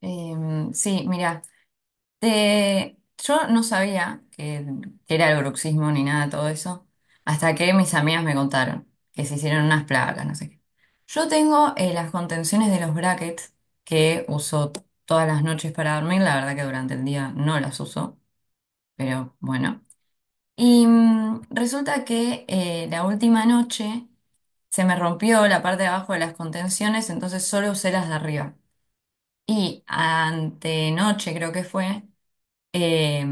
Sí, mira, te... yo no sabía que era el bruxismo ni nada de todo eso, hasta que mis amigas me contaron que se hicieron unas placas, no sé qué. Yo tengo las contenciones de los brackets que uso todas las noches para dormir, la verdad que durante el día no las uso, pero bueno. Y resulta que la última noche se me rompió la parte de abajo de las contenciones, entonces solo usé las de arriba. Y antenoche creo que fue. Eh,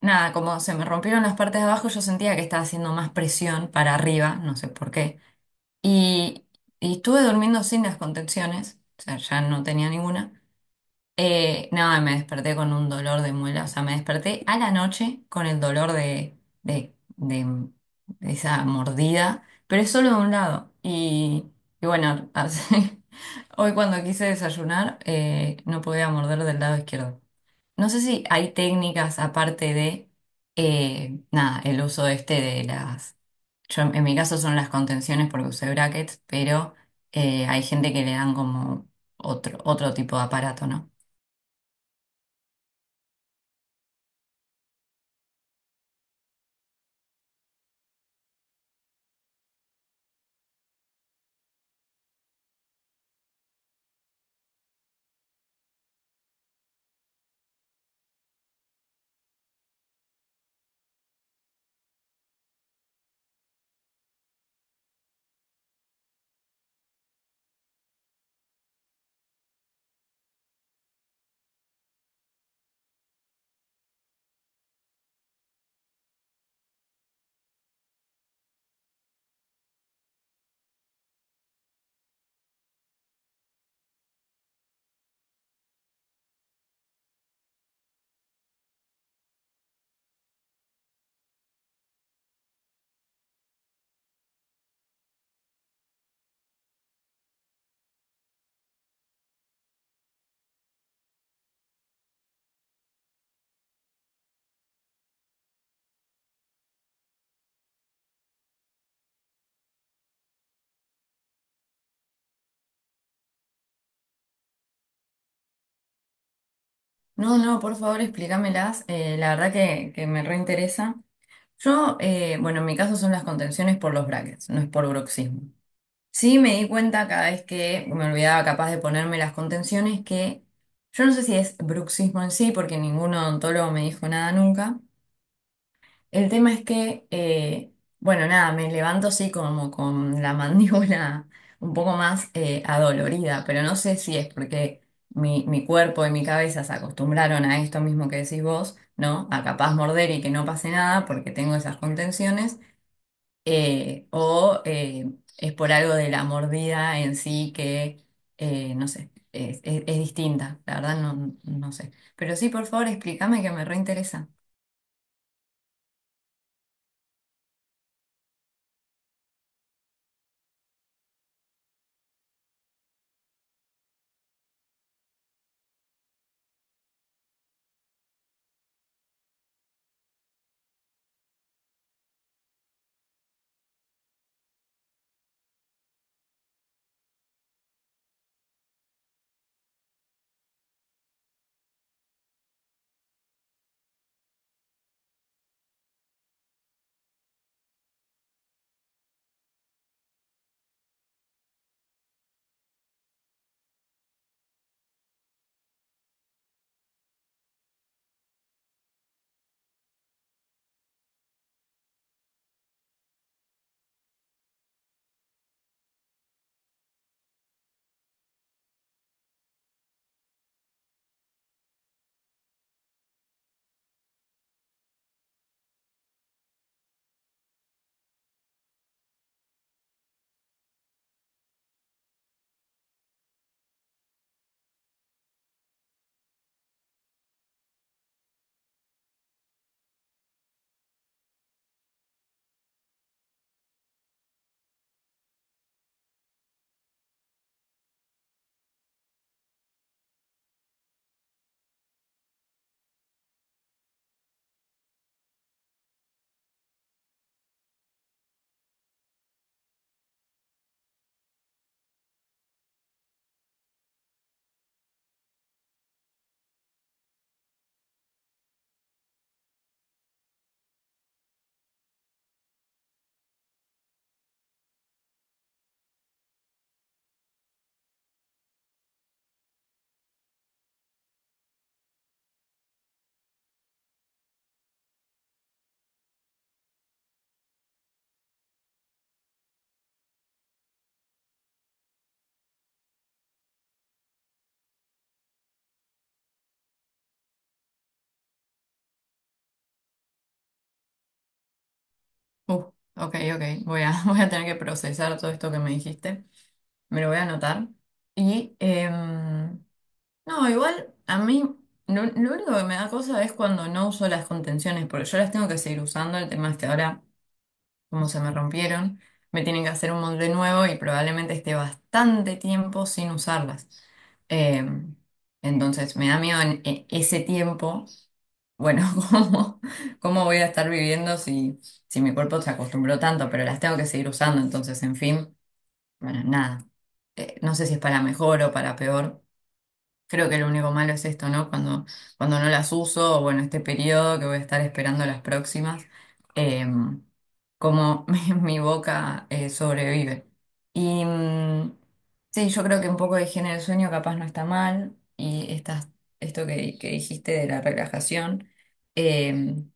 nada, como se me rompieron las partes de abajo, yo sentía que estaba haciendo más presión para arriba, no sé por qué. Y, y estuve durmiendo sin las contenciones, o sea, ya no tenía ninguna. Nada, me desperté con un dolor de muela, o sea, me desperté a la noche con el dolor de esa mordida, pero es solo de un lado. Y bueno, hoy cuando quise desayunar, no podía morder del lado izquierdo. No sé si hay técnicas aparte de, nada, el uso este de las, yo en mi caso son las contenciones porque usé brackets, pero hay gente que le dan como otro tipo de aparato, ¿no? No, no, por favor explícamelas, la verdad que me reinteresa. Yo, bueno, en mi caso son las contenciones por los brackets, no es por bruxismo. Sí, me di cuenta cada vez que me olvidaba capaz de ponerme las contenciones que yo no sé si es bruxismo en sí, porque ningún odontólogo me dijo nada nunca. El tema es que, bueno, nada, me levanto así como con la mandíbula un poco más adolorida, pero no sé si es porque mi cuerpo y mi cabeza se acostumbraron a esto mismo que decís vos, ¿no? A capaz morder y que no pase nada porque tengo esas contenciones o es por algo de la mordida en sí que, no sé, es distinta, la verdad no, no sé. Pero sí, por favor, explícame que me reinteresa. Uh, ok, ok, voy a, voy a tener que procesar todo esto que me dijiste, me lo voy a anotar. Y, no, igual a mí lo único que me da cosa es cuando no uso las contenciones, porque yo las tengo que seguir usando, el tema es que ahora, como se me rompieron, me tienen que hacer un molde nuevo y probablemente esté bastante tiempo sin usarlas. Eh, entonces me da miedo en ese tiempo, bueno, ¿cómo, cómo voy a estar viviendo si, si mi cuerpo se acostumbró tanto, pero las tengo que seguir usando? Entonces, en fin, bueno, nada. No sé si es para mejor o para peor. Creo que lo único malo es esto, ¿no? Cuando no las uso, o bueno, este periodo que voy a estar esperando las próximas, em, como mi boca sobrevive. Y sí, yo creo que un poco de higiene del sueño capaz no está mal, y esto que dijiste de la relajación, em,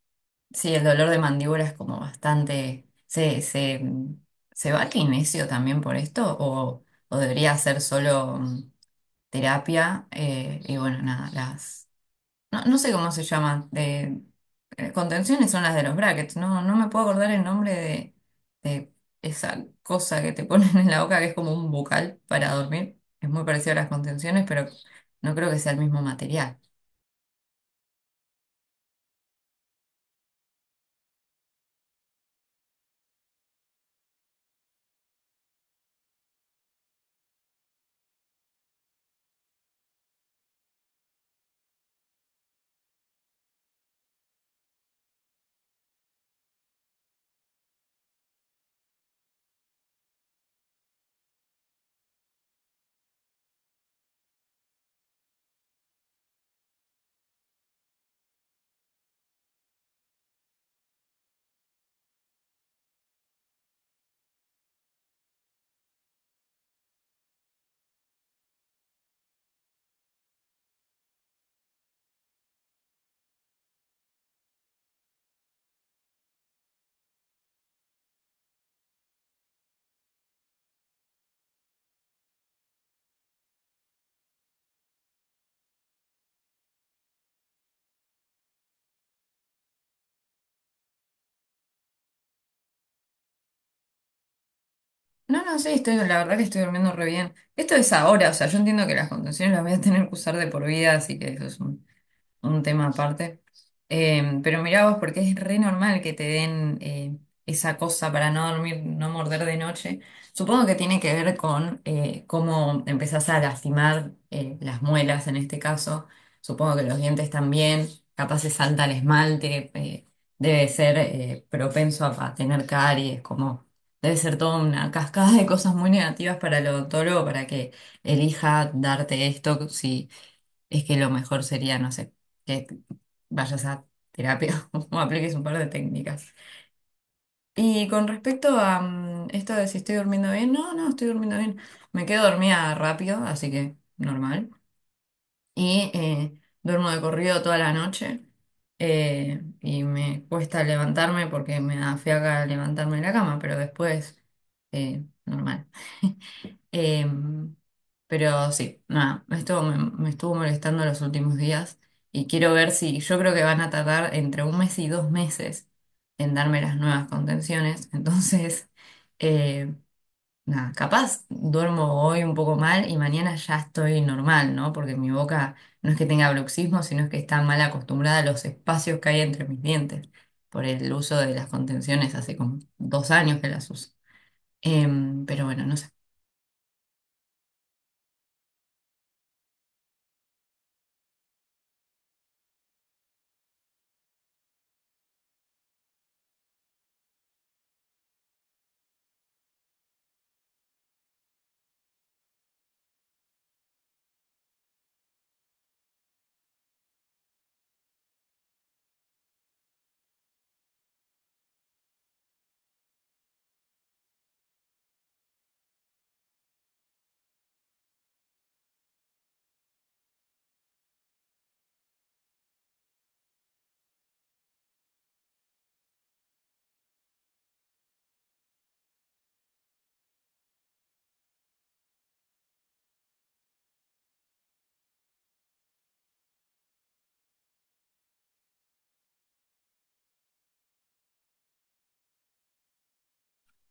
sí, el dolor de mandíbula es como bastante. ¿Se va al kinesio también por esto? ¿O debería ser solo terapia, y bueno, nada, las? No, no sé cómo se llaman, de, contenciones son las de los brackets, no, no me puedo acordar el nombre de esa cosa que te ponen en la boca que es como un bucal para dormir. Es muy parecido a las contenciones, pero no creo que sea el mismo material. No, no, sí, estoy, la verdad que estoy durmiendo re bien. Esto es ahora, o sea, yo entiendo que las contenciones las voy a tener que usar de por vida, así que eso es un tema aparte. Pero mirá vos, porque es re normal que te den esa cosa para no dormir, no morder de noche. Supongo que tiene que ver con cómo empezás a lastimar las muelas en este caso. Supongo que los dientes también. Capaz se salta el esmalte. Debe ser propenso a tener caries. Como debe ser toda una cascada de cosas muy negativas para el odontólogo para que elija darte esto si es que lo mejor sería, no sé, que vayas a terapia o apliques un par de técnicas. Y con respecto a esto de si estoy durmiendo bien, no, no, estoy durmiendo bien. Me quedo dormida rápido, así que normal. Y duermo de corrido toda la noche. Y me cuesta levantarme porque me da fiaca levantarme de la cama, pero después, normal. Em, pero sí, nada, esto me estuvo molestando los últimos días y quiero ver si yo creo que van a tardar entre 1 mes y 2 meses en darme las nuevas contenciones. Entonces, eh, nada, capaz duermo hoy un poco mal y mañana ya estoy normal, ¿no? Porque mi boca no es que tenga bruxismo, sino es que está mal acostumbrada a los espacios que hay entre mis dientes por el uso de las contenciones hace como 2 años que las uso. Pero bueno, no sé.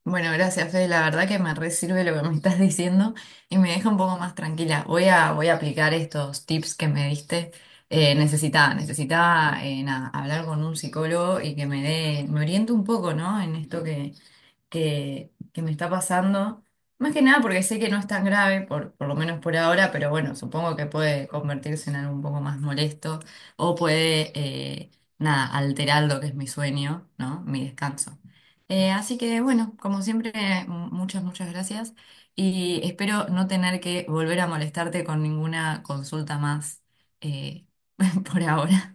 Bueno, gracias, Fede. La verdad que me re sirve lo que me estás diciendo y me deja un poco más tranquila. Voy a aplicar estos tips que me diste. Necesitaba nada, hablar con un psicólogo y que me dé, me oriente un poco, ¿no? En esto que, que me está pasando. Más que nada porque sé que no es tan grave, por lo menos por ahora, pero bueno, supongo que puede convertirse en algo un poco más molesto o puede, nada, alterar lo que es mi sueño, ¿no? Mi descanso. Así que bueno, como siempre, muchas, muchas gracias y espero no tener que volver a molestarte con ninguna consulta más eh, por ahora.